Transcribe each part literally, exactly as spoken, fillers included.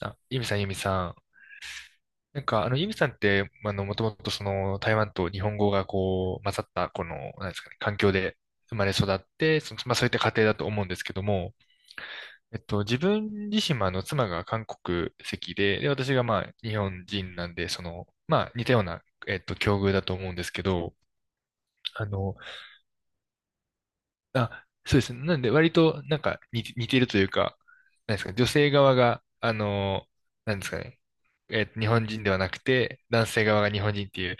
あ、ユミさん、ユミさん。なんか、あの、ユミさんって、まあの、もともとその、台湾と日本語がこう、混ざった、この、なんですかね、環境で生まれ育って、その、まあ、そういった家庭だと思うんですけども、えっと、自分自身も、あの、妻が韓国籍で、で、私が、まあ、日本人なんで、その、まあ、似たような、えっと、境遇だと思うんですけど、あの、あ、そうですね。なんで、割と、なんか似て、似てるというか、なんですかね、女性側が、あのー、なんですかね、えー日本人ではなくて、男性側が日本人っていう、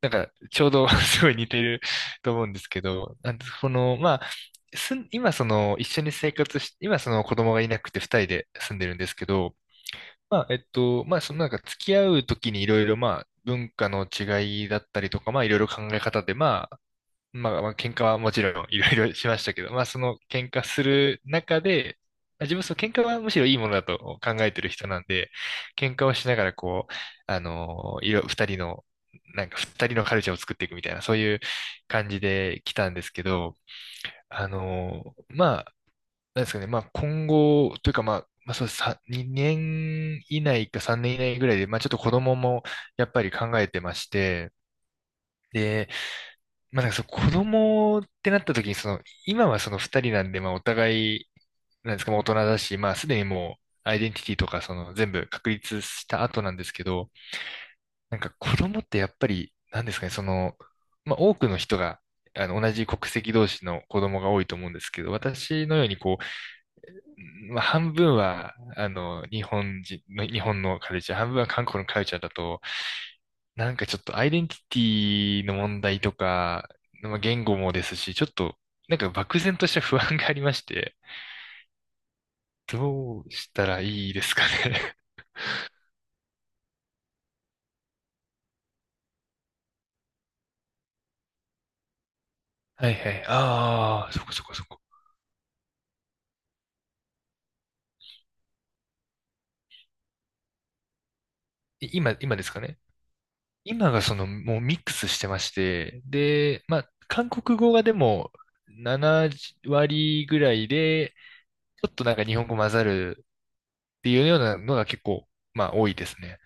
なんか、ちょうど すごい似てると思うんですけど、なんで、この、まあ、すん、今、その、一緒に生活し、今、その子供がいなくて二人で住んでるんですけど、まあ、えっと、まあ、そのなんか付き合うときにいろいろ、まあ、文化の違いだったりとか、まあ、いろいろ考え方で、ままあ、まあ、喧嘩はもちろんいろいろしましたけど、まあ、その喧嘩する中で、まあ自分はその喧嘩はむしろいいものだと考えてる人なんで、喧嘩をしながらこう、あのーいろ、二人の、なんか二人のカルチャーを作っていくみたいな、そういう感じで来たんですけど、あのーまあ、なんですかね、まあ今後というかまあ、まあそうさ、にねん以内かさんねん以内ぐらいで、まあちょっと子供もやっぱり考えてまして、で、まあ、なんかその子供ってなった時に、その、今はその二人なんで、まあお互い、なんですか、まあ大人だし、まあすでにもう、アイデンティティとか、その全部確立した後なんですけど、なんか子供ってやっぱり、なんですかね、その、まあ多くの人が、あの、同じ国籍同士の子供が多いと思うんですけど、私のようにこう、まあ半分は、あの、日本人の、日本のカルチャー、半分は韓国のカルチャーだと、なんかちょっとアイデンティティの問題とか、まあ、言語もですし、ちょっとなんか漠然とした不安がありまして、どうしたらいいですかね。はいはい。ああ、そこそこそこ。い今、今ですかね。今がそのもうミックスしてまして、で、まあ、韓国語がでもなな割ぐらいで、ちょっとなんか日本語混ざるっていうようなのが結構、まあ多いですね。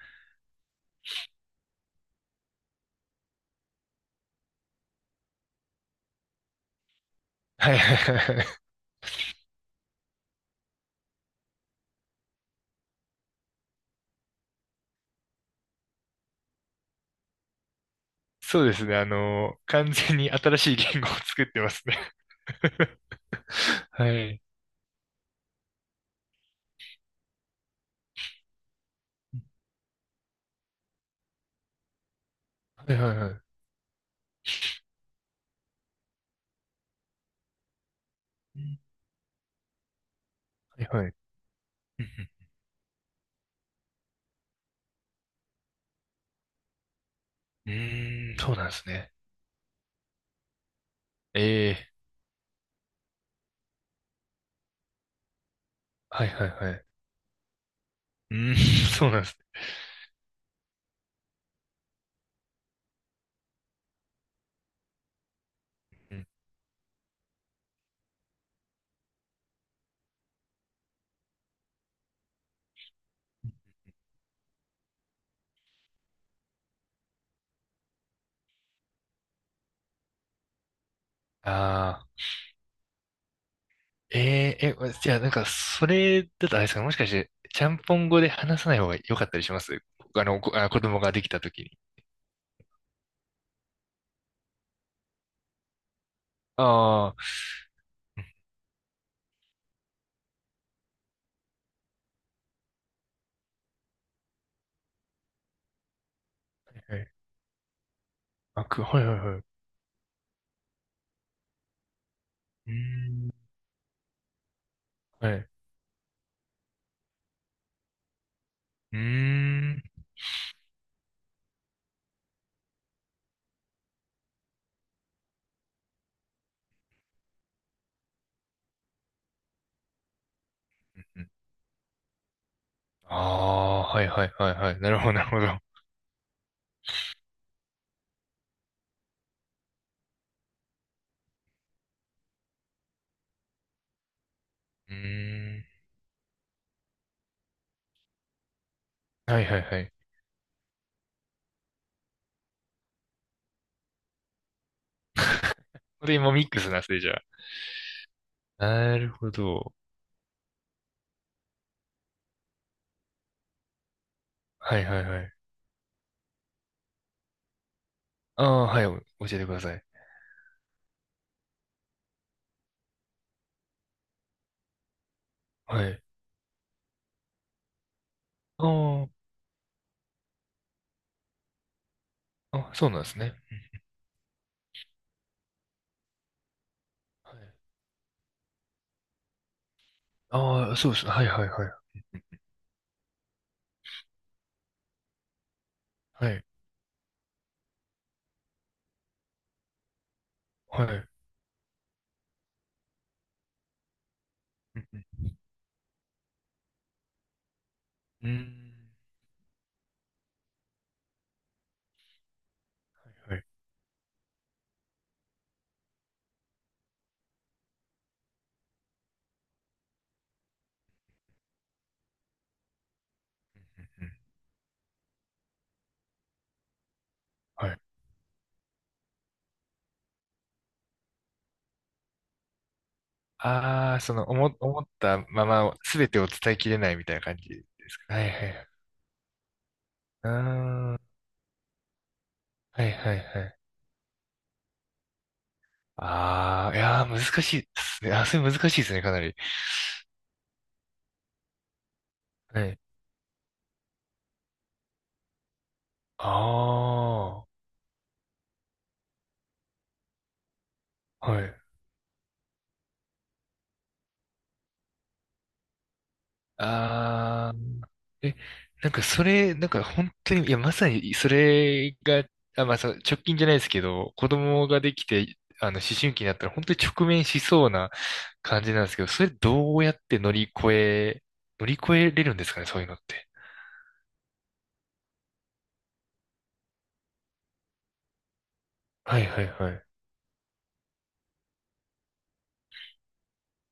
はいはい。そうですね。あの、完全に新しい言語を作ってますね。はい。はいはいはい。はいはい。うんうんうーん、そうなんですね。ええ、はいはいはい。うーん、そうなんですね。ああー、ええ、え、じゃあなんか、それだとあれですか、もしかして、ちゃんぽん語で話さない方が良かったりしますあの、こあ、子供ができた時に。ああ、はいあ、く、はいはいはい。うーん、はい。うーん。ああ、はいはいはいはい。なるほどなるほど。うーん。はいはいはい。これ今ミックスなんですね、じゃあ。なるほど。はいはいはい。ああ、はい、お教えてください。はい。ああ、あ、そうなんですね。はい。ああ、そうですね。はいはいはい。はい。はい。うんうん。うーんはい。うんうんはい。ああ、その、思、思ったまま、すべてを伝えきれないみたいな感じですか。はいはい。ああ、はいはいはい。ああ、いやー、難しいですね。あ、それ難しいですね、かなり。はい。ああ、はい。ああえ、なんかそれ、なんか本当に、いや、まさにそれが、あ、まあ、そう、直近じゃないですけど、子供ができて、あの、思春期になったら本当に直面しそうな感じなんですけど、それどうやって乗り越え、乗り越えれるんですかね、そういうのって。はいはいはい。う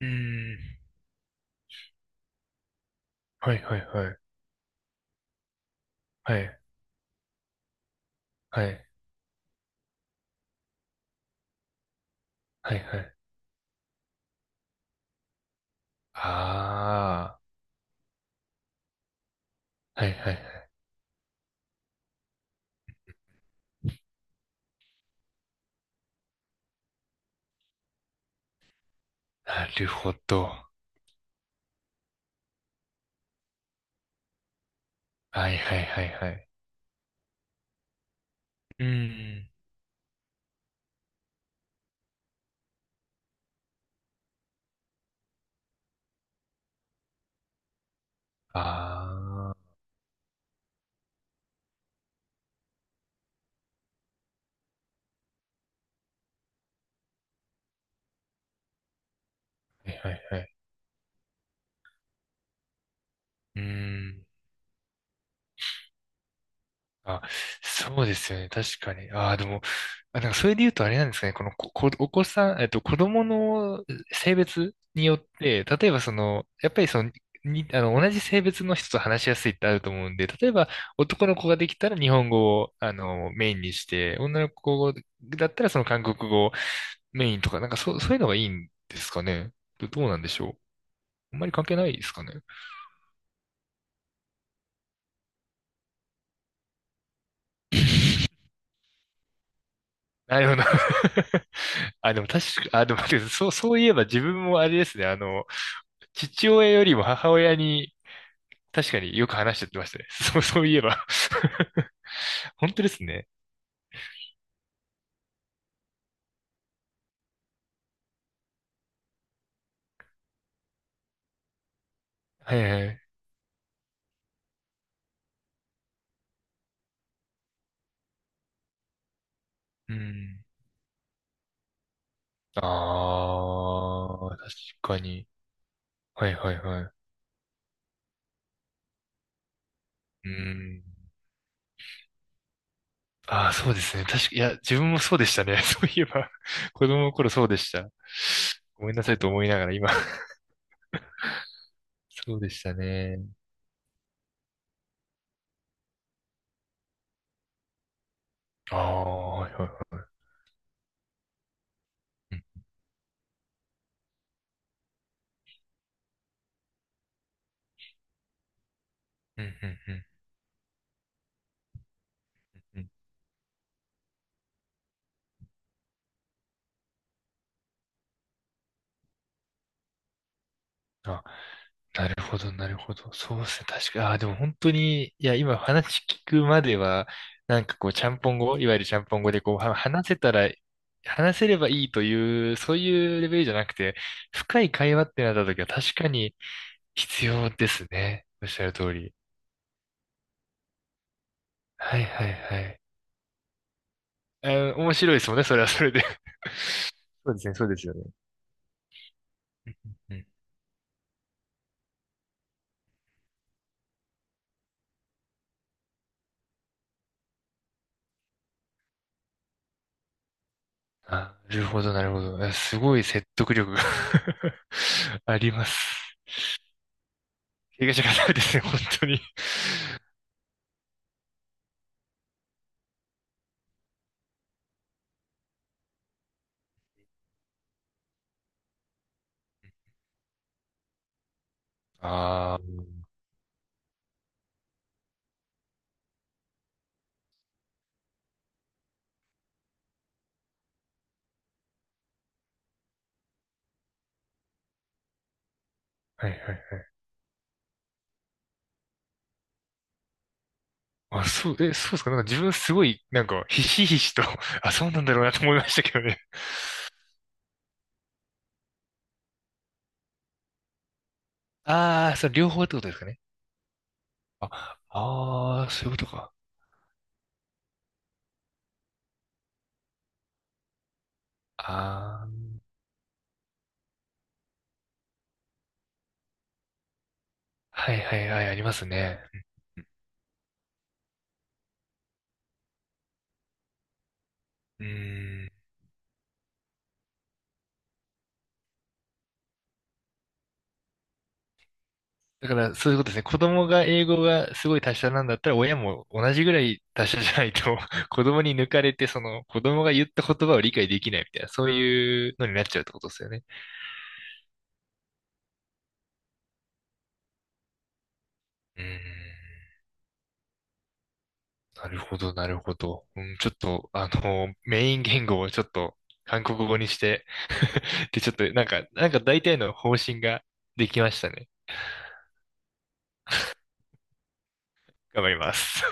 ーん。はいはいはい。はい。はい。はいはい。ああ。はいはいはい。なるほど。はいはいはいはい。うーん。ああ。はいはいはい。うーん。あ、そうですよね。確かに。ああ、でも、あ、なんかそれで言うとあれなんですかね。このこ、こお子さん、えっと、子供の性別によって、例えばその、やっぱりその、に、あの、同じ性別の人と話しやすいってあると思うんで、例えば男の子ができたら日本語を、あの、メインにして、女の子だったらその韓国語をメインとか、なんかそう、そういうのがいいんですかね。どどうなんでしょう。あんまり関係ないですかね。なるほど。あ、でも確か、あ、でも待ってくださいそう、そういえば自分もあれですね、あの、父親よりも母親に確かによく話しちゃってましたね。そう、そういえば 本当ですね。はいはい。うん。ああ、確かに。はいはいはい。うん。ああ、そうですね。確か、いや、自分もそうでしたね。そういえば、子供の頃そうでした。ごめんなさいと思いながら今。そうでしたね。ああ、はいはいはい。うん、うん、うん、うん。うんあなるほど、なるほど。そうですね。確かに。ああ、でも本当に、いや、今話聞くまでは、なんかこう、ちゃんぽん語、いわゆるちゃんぽん語でこう、は話せたら、話せればいいという、そういうレベルじゃなくて、深い会話ってなった時は確かに必要ですね。おっしゃる通り。はいはいはい。えー面白いですもんね。それはそれで。そうですね、そうですよね。うん。あ、なるほど、なるほど。えすごい説得力が あります。怪我し方ですね、本当に。ああ、はいはい。あ、そう、え、そうですか。なんか自分すごい、なんか、ひしひしと あ、そうなんだろうなと思いましたけどね。ああ、そう、両方ってことですかね。あ、ああ、そういうことか。ああ、はいはいはい、ありますね。うん。だから、そういうことですね。子供が英語がすごい達者なんだったら、親も同じぐらい達者じゃないと 子供に抜かれて、その、子供が言った言葉を理解できないみたいな、そういうのになっちゃうってことですよね。うーん。なるほど、なるほど。うん、ちょっと、あの、メイン言語をちょっと韓国語にして、で、ちょっと、なんか、なんか大体の方針ができましたね。頑張ります。